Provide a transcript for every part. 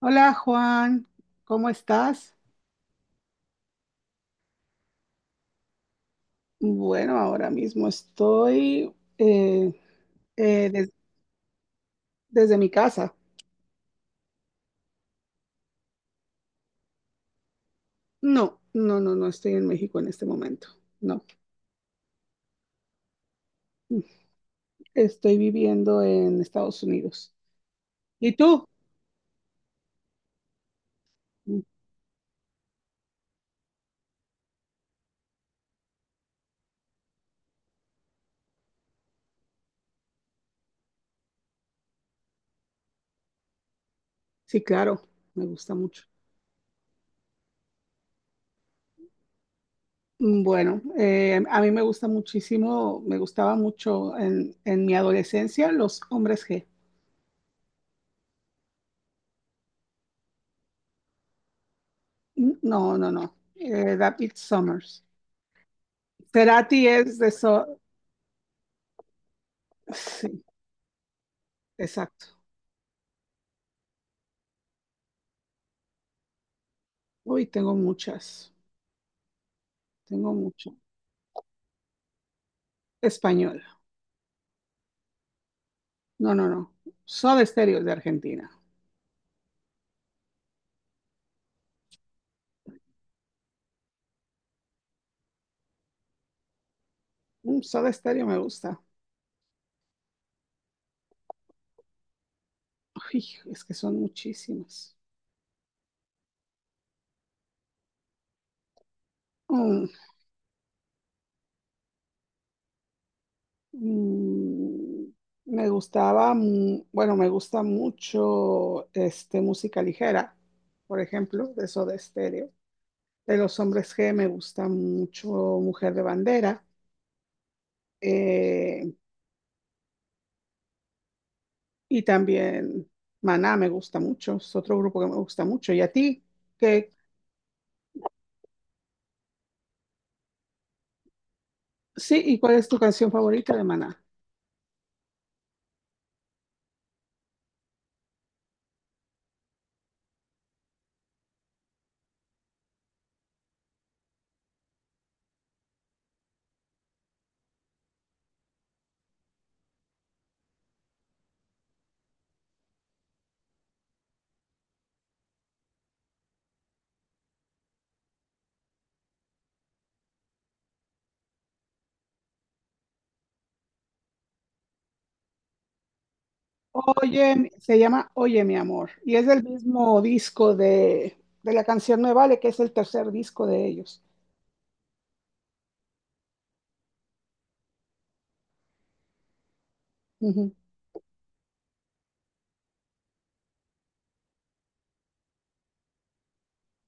Hola Juan, ¿cómo estás? Bueno, ahora mismo estoy eh, des- desde mi casa. No, no, no, no estoy en México en este momento. No, estoy viviendo en Estados Unidos. ¿Y tú? Sí, claro, me gusta mucho. Bueno, a mí me gusta muchísimo, me gustaba mucho en mi adolescencia los Hombres G. No, no, no. David Summers. Cerati es de eso. Sí, exacto. Uy, tengo muchas, tengo mucho. Español. No, no, no. Soda Stereo es de Argentina. Mm, Soda Stereo me gusta. Uy, es que son muchísimas. Mm, mm, bueno, me gusta mucho este, música ligera, por ejemplo, de Soda Stereo. De los Hombres G me gusta mucho Mujer de Bandera. eh, y también Maná me gusta mucho. Es otro grupo que me gusta mucho. ¿Y a ti? ¿Qué, sí, y cuál es tu canción favorita de Maná? Se llama Oye, mi amor, y es del mismo disco de la canción Me Vale, que es el tercer disco de ellos. Ujú,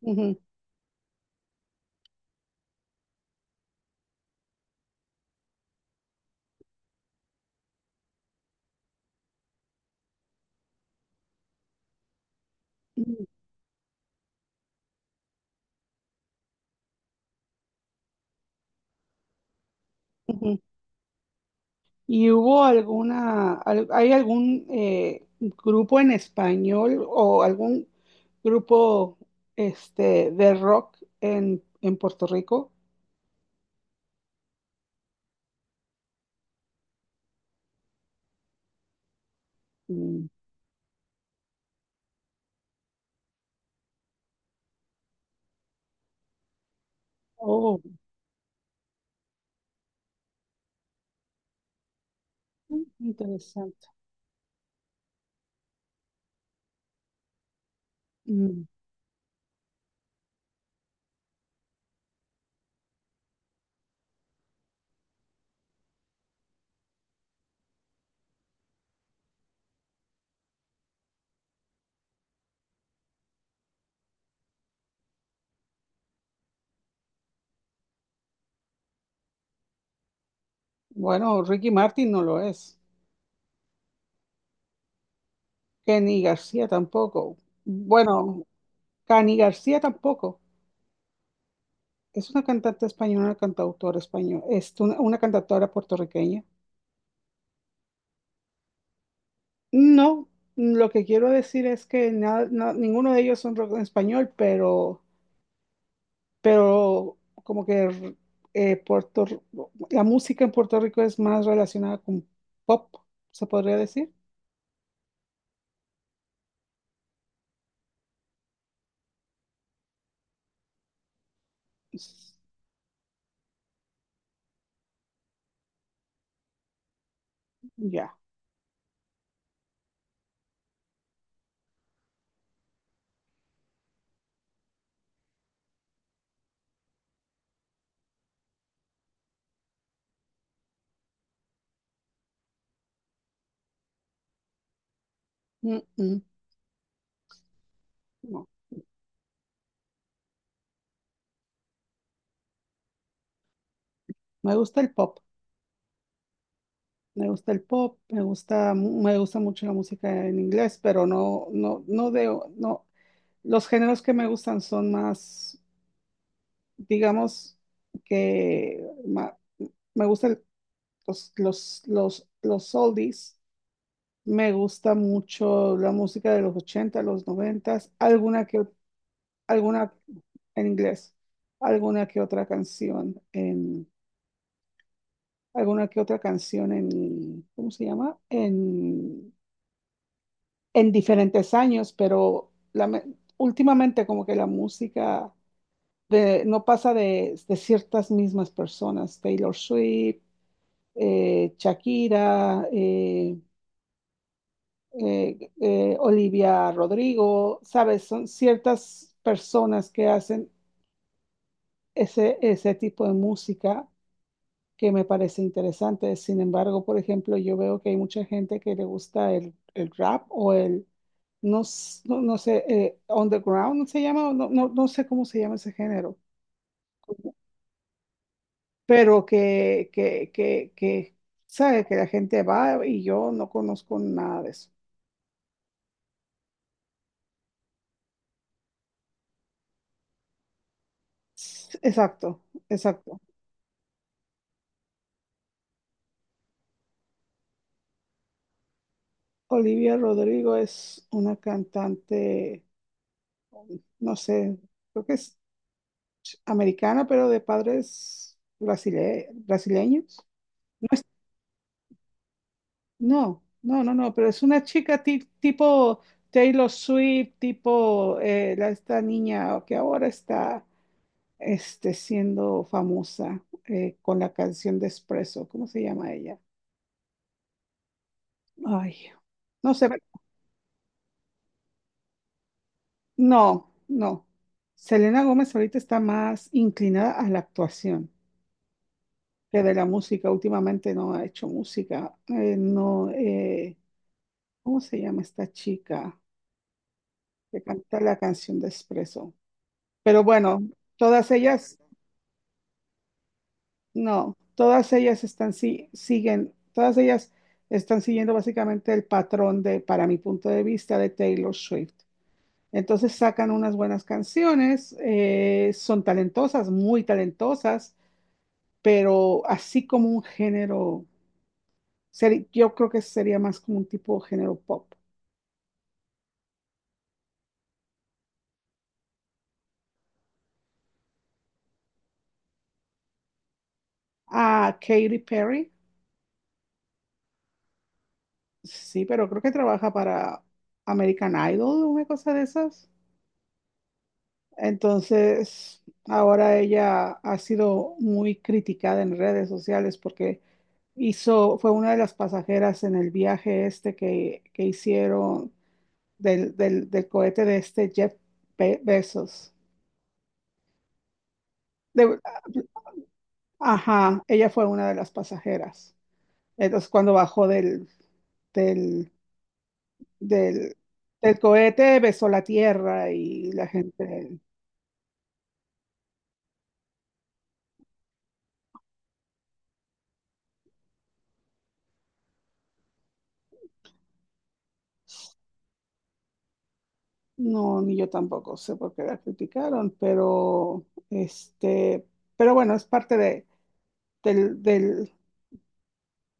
ujú, ujú, ujú. ¿Y hubo alguna, al- hay algún grupo en español o algún grupo este, de rock en Puerto Rico? Mm, oh, interesante. Mm, bueno, Ricky Martin no lo es. Kenny García tampoco. Bueno, Cani García tampoco. Es una cantante española, una cantautora española, es una cantautora puertorriqueña. No, lo que quiero decir es que ninguno de ellos son rock en español, pero como que eh, Puerto R- la música en Puerto Rico es más relacionada con pop, se podría decir. S- ya, mm, mm, no. Me gusta el pop, me gusta el pop, me gusta mucho la música en inglés, pero no de, no, los géneros que me gustan son más, digamos, que ma- me gusta los oldies. Me gusta mucho la música de los 80 los 90, alguna en inglés, alguna que otra canción en, alguna que otra canción en, ¿cómo se llama? En diferentes años, pero últimamente como que no pasa de ciertas mismas personas, Taylor Swift, Shakira, Olivia Rodrigo, ¿sabes? Son ciertas personas que hacen ese tipo de música que me parece interesante. Sin embargo, por ejemplo, yo veo que hay mucha gente que le gusta el rap o el, no sé, underground, ¿no se llama, no sé cómo se llama ese género, pero que, ¿sabe? Que la gente va y yo no conozco nada de eso. S- exacto, exacto. Olivia Rodrigo es una cantante, no sé, creo que es americana, pero de padres brasileños. No, es- no, pero es una chica tipo Taylor Swift, tipo esta niña que ahora está este, siendo famosa con la canción de Espresso. ¿Cómo se llama ella? Ay, no sé, no, no. Selena Gómez ahorita está más inclinada a la actuación. Que de la música, últimamente no ha hecho música. No, ¿Cómo se llama esta chica que canta la canción de Espresso? Pero bueno, todas ellas, no, todas ellas están, si- siguen, todas ellas están siguiendo básicamente el patrón de, para mi punto de vista, de Taylor Swift. Entonces sacan unas buenas canciones, son talentosas, muy talentosas, pero así como un género, yo creo que sería más como un tipo de género pop. A Katy Perry. Sí, pero creo que trabaja para American Idol, una cosa de esas. Entonces, ahora ella ha sido muy criticada en redes sociales porque hizo, fue una de las pasajeras en el viaje este que hicieron del cohete de este Jeff Bezos. De- ajá, ella fue una de las pasajeras. Entonces, cuando bajó del del, del cohete besó la tierra y la gente, no, ni yo tampoco sé por qué la criticaron, pero este, pero bueno, es parte de, del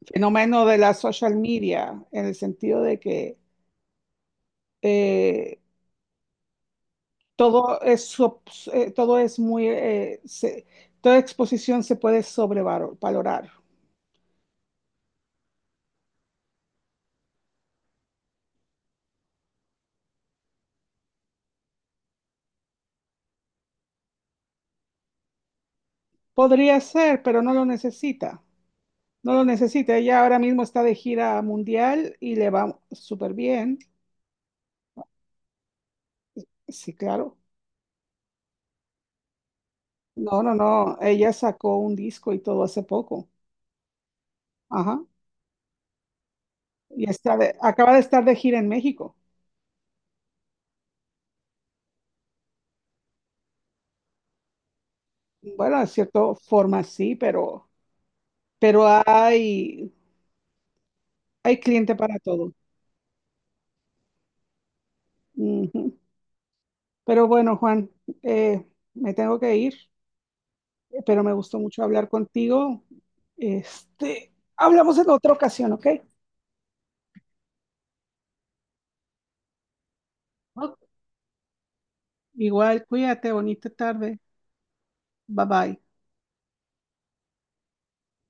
fenómeno de la social media, en el sentido de que eh, todo es, sop- todo es muy, toda exposición se puede sobrevalorar. Podría ser, pero no lo necesita. No lo necesita, ella ahora mismo está de gira mundial y le va súper bien. Sí, claro. No, no, no, ella sacó un disco y todo hace poco. Ajá. Y acaba de estar de gira en México. Bueno, de cierta forma sí, pero, pero hay, hay cliente para todo. Ujú. Pero bueno, Juan, eh, me tengo que ir, pero me gustó mucho hablar contigo. Este, hablamos en otra ocasión, ¿ok? Ok. Igual, cuídate, bonita tarde. Bye bye.